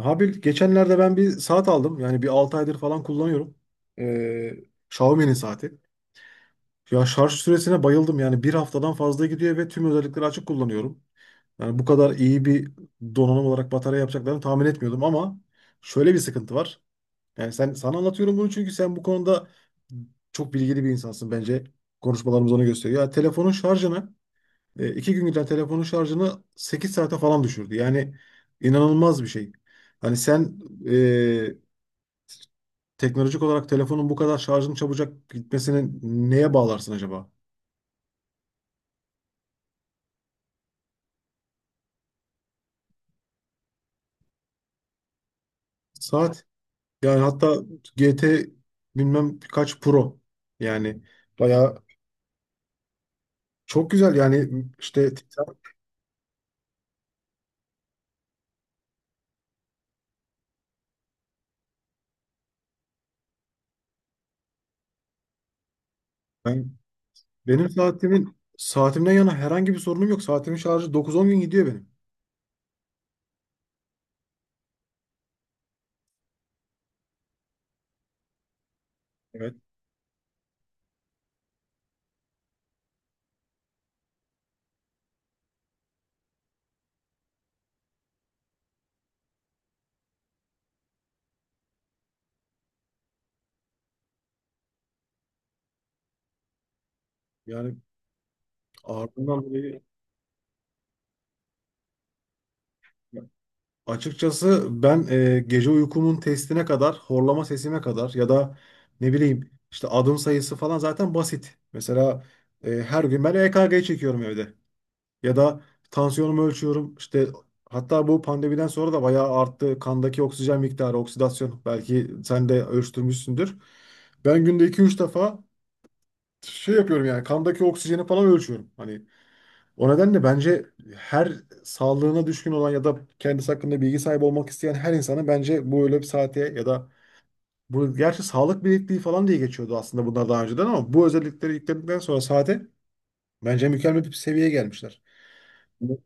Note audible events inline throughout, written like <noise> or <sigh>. Abi geçenlerde ben bir saat aldım. Yani bir 6 aydır falan kullanıyorum. Ee, Xiaomi'nin saati. Ya şarj süresine bayıldım. Yani bir haftadan fazla gidiyor ve tüm özellikleri açık kullanıyorum. Yani bu kadar iyi bir donanım olarak batarya yapacaklarını tahmin etmiyordum ama şöyle bir sıkıntı var. Yani sana anlatıyorum bunu çünkü sen bu konuda çok bilgili bir insansın bence. Konuşmalarımız onu gösteriyor. Ya iki gün giden telefonun şarjını 8 saate falan düşürdü. Yani inanılmaz bir şey. Hani sen e, teknolojik olarak telefonun bu kadar şarjın çabucak gitmesini neye bağlarsın acaba? Saat. Yani hatta GT bilmem kaç Pro. Yani bayağı çok güzel. Yani işte ben, benim saatimden yana herhangi bir sorunum yok. Saatimin şarjı dokuz on gün gidiyor benim. Evet. Yani ağırlığından dolayı. Açıkçası ben gece uykumun testine kadar, horlama sesime kadar ya da ne bileyim işte adım sayısı falan zaten basit. Mesela her gün ben EKG çekiyorum evde. Ya da tansiyonumu ölçüyorum. İşte hatta bu pandemiden sonra da bayağı arttı. Kandaki oksijen miktarı, oksidasyon belki sen de ölçtürmüşsündür. Ben günde iki üç defa şey yapıyorum yani kandaki oksijeni falan ölçüyorum. Hani o nedenle bence her sağlığına düşkün olan ya da kendisi hakkında bilgi sahibi olmak isteyen her insanın bence bu öyle bir saate ya da bu gerçi sağlık bilekliği falan diye geçiyordu aslında bunlar daha önceden ama bu özellikleri yükledikten sonra saate bence mükemmel bir seviyeye gelmişler. Bu-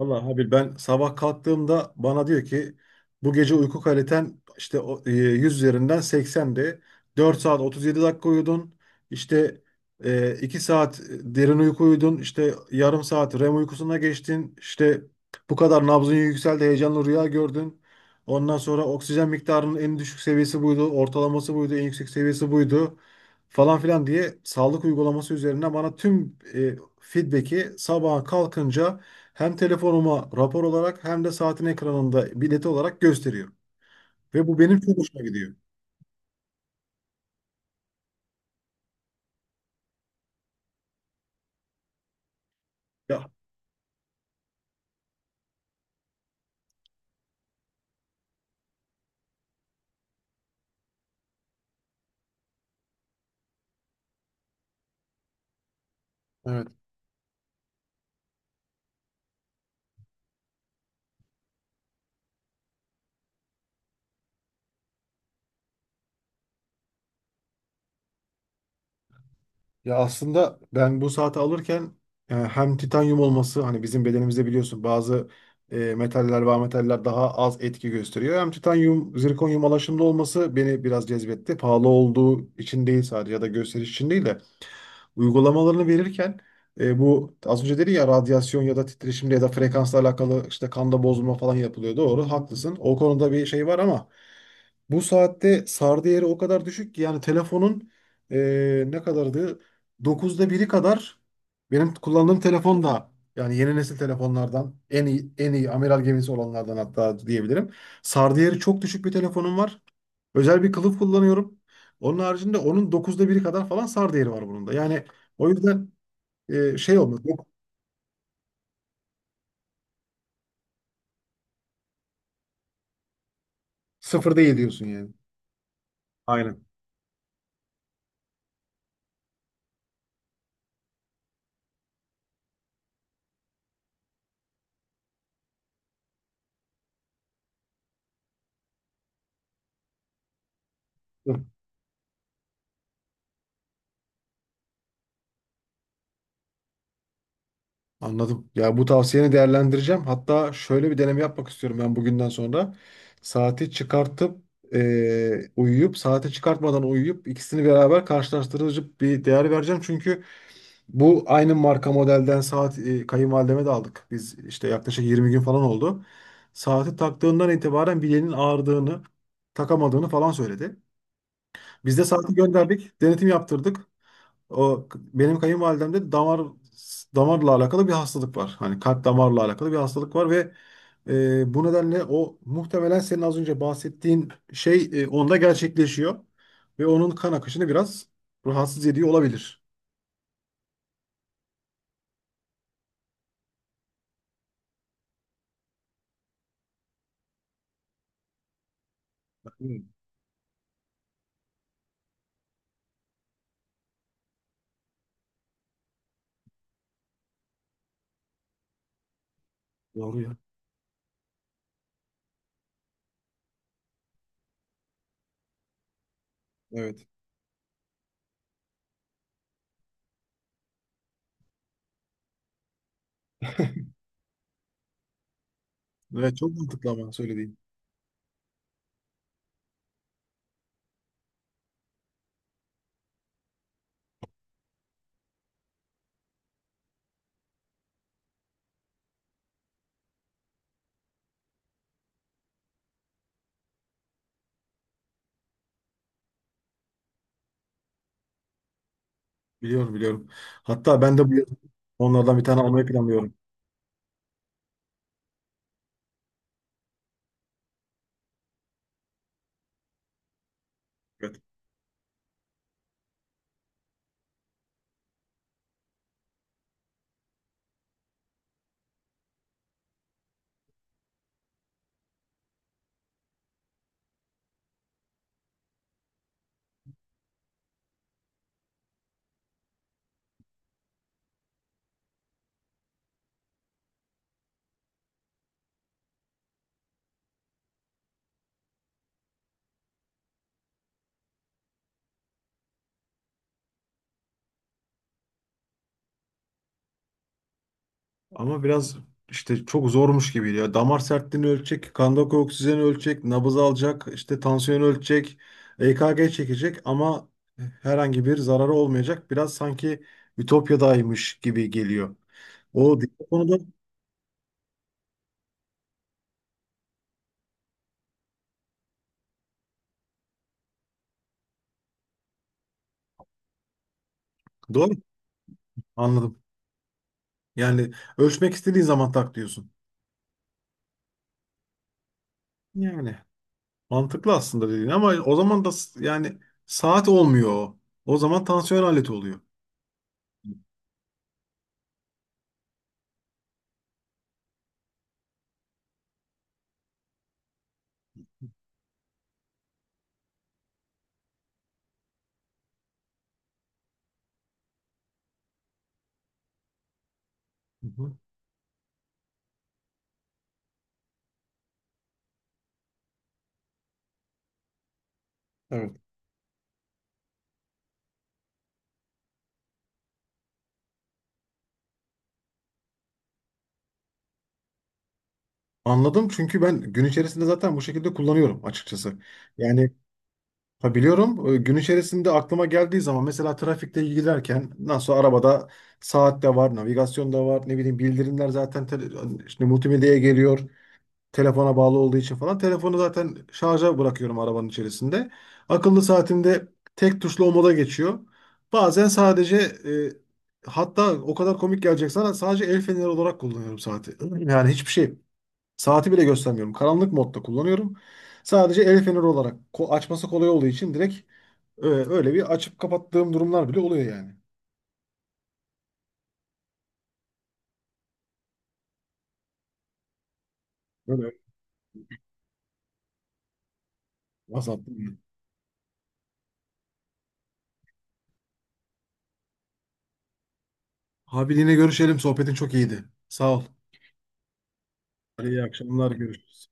Vallahi abi ben sabah kalktığımda bana diyor ki bu gece uyku kaliten işte 100 üzerinden 80'di. 4 saat 37 dakika uyudun. İşte 2 saat derin uyku uyudun. İşte yarım saat REM uykusuna geçtin. İşte bu kadar nabzın yükseldi. Heyecanlı rüya gördün. Ondan sonra oksijen miktarının en düşük seviyesi buydu. Ortalaması buydu. En yüksek seviyesi buydu. Falan filan diye sağlık uygulaması üzerinden bana tüm feedback'i sabaha kalkınca hem telefonuma rapor olarak hem de saatin ekranında bileti olarak gösteriyor. Ve bu benim çok hoşuma gidiyor. Ya. Evet. Ya aslında ben bu saati alırken hem titanyum olması hani bizim bedenimizde biliyorsun bazı metaller ve ametaller daha az etki gösteriyor. Hem titanyum, zirkonyum alaşımlı olması beni biraz cezbetti. Pahalı olduğu için değil sadece ya da gösteriş için değil de uygulamalarını verirken bu az önce dedi ya radyasyon ya da titreşimle ya da frekansla alakalı işte kanda bozulma falan yapılıyor. Doğru, haklısın. O konuda bir şey var ama bu saatte SAR değeri o kadar düşük ki yani telefonun ne kadardı? Dokuzda biri kadar benim kullandığım telefon da yani yeni nesil telefonlardan en iyi en iyi amiral gemisi olanlardan hatta diyebilirim. SAR değeri çok düşük bir telefonum var. Özel bir kılıf kullanıyorum. Onun haricinde onun dokuzda biri kadar falan SAR değeri var bunun da. Yani o yüzden şey olmaz. Yok, sıfır değil diyorsun yani. Aynen. Hı. Anladım. Ya bu tavsiyeni değerlendireceğim. Hatta şöyle bir deneme yapmak istiyorum ben bugünden sonra. Saati çıkartıp uyuyup, saati çıkartmadan uyuyup ikisini beraber karşılaştırıcı bir değer vereceğim. Çünkü bu aynı marka modelden saat kayınvalideme de aldık. Biz işte yaklaşık 20 gün falan oldu. Saati taktığından itibaren bileğinin ağrıdığını, takamadığını falan söyledi. Biz de saati gönderdik, denetim yaptırdık. O benim kayınvalidemde de damarla alakalı bir hastalık var. Hani kalp damarla alakalı bir hastalık var ve bu nedenle o muhtemelen senin az önce bahsettiğin şey onda gerçekleşiyor ve onun kan akışını biraz rahatsız ediyor olabilir. Hmm. Doğru ya. Evet. Evet, çok mantıklı ama söylediğin. Biliyorum, biliyorum. Hatta ben de bu yıl onlardan bir tane almayı planlıyorum. Ama biraz işte çok zormuş gibiydi ya. Damar sertliğini ölçecek, kandaki oksijeni ölçecek, nabız alacak, işte tansiyonu ölçecek, EKG çekecek ama herhangi bir zararı olmayacak. Biraz sanki Ütopya'daymış gibi geliyor. O diğer konuda doğru anladım. Yani ölçmek istediğin zaman tak diyorsun. Yani mantıklı aslında dediğin ama o zaman da yani saat olmuyor o. O zaman tansiyon aleti oluyor. Hı hı. Evet. Anladım çünkü ben gün içerisinde zaten bu şekilde kullanıyorum açıkçası. Yani. Ha, biliyorum. Gün içerisinde aklıma geldiği zaman mesela trafikte giderken nasıl arabada saat de var, navigasyon da var, ne bileyim bildirimler zaten tele- işte multimedyaya geliyor. Telefona bağlı olduğu için falan. Telefonu zaten şarja bırakıyorum arabanın içerisinde. Akıllı saatimde tek tuşlu o moda geçiyor. Bazen sadece hatta o kadar komik gelecek sana sadece el feneri olarak kullanıyorum saati. <clears throat> Yani hiçbir şey. Saati bile göstermiyorum. Karanlık modda kullanıyorum. Sadece el feneri olarak açması kolay olduğu için direkt öyle bir açıp kapattığım durumlar bile oluyor yani. Böyle azalttım yani. Abi yine görüşelim. Sohbetin çok iyiydi. Sağ ol. Hadi iyi akşamlar. Görüşürüz.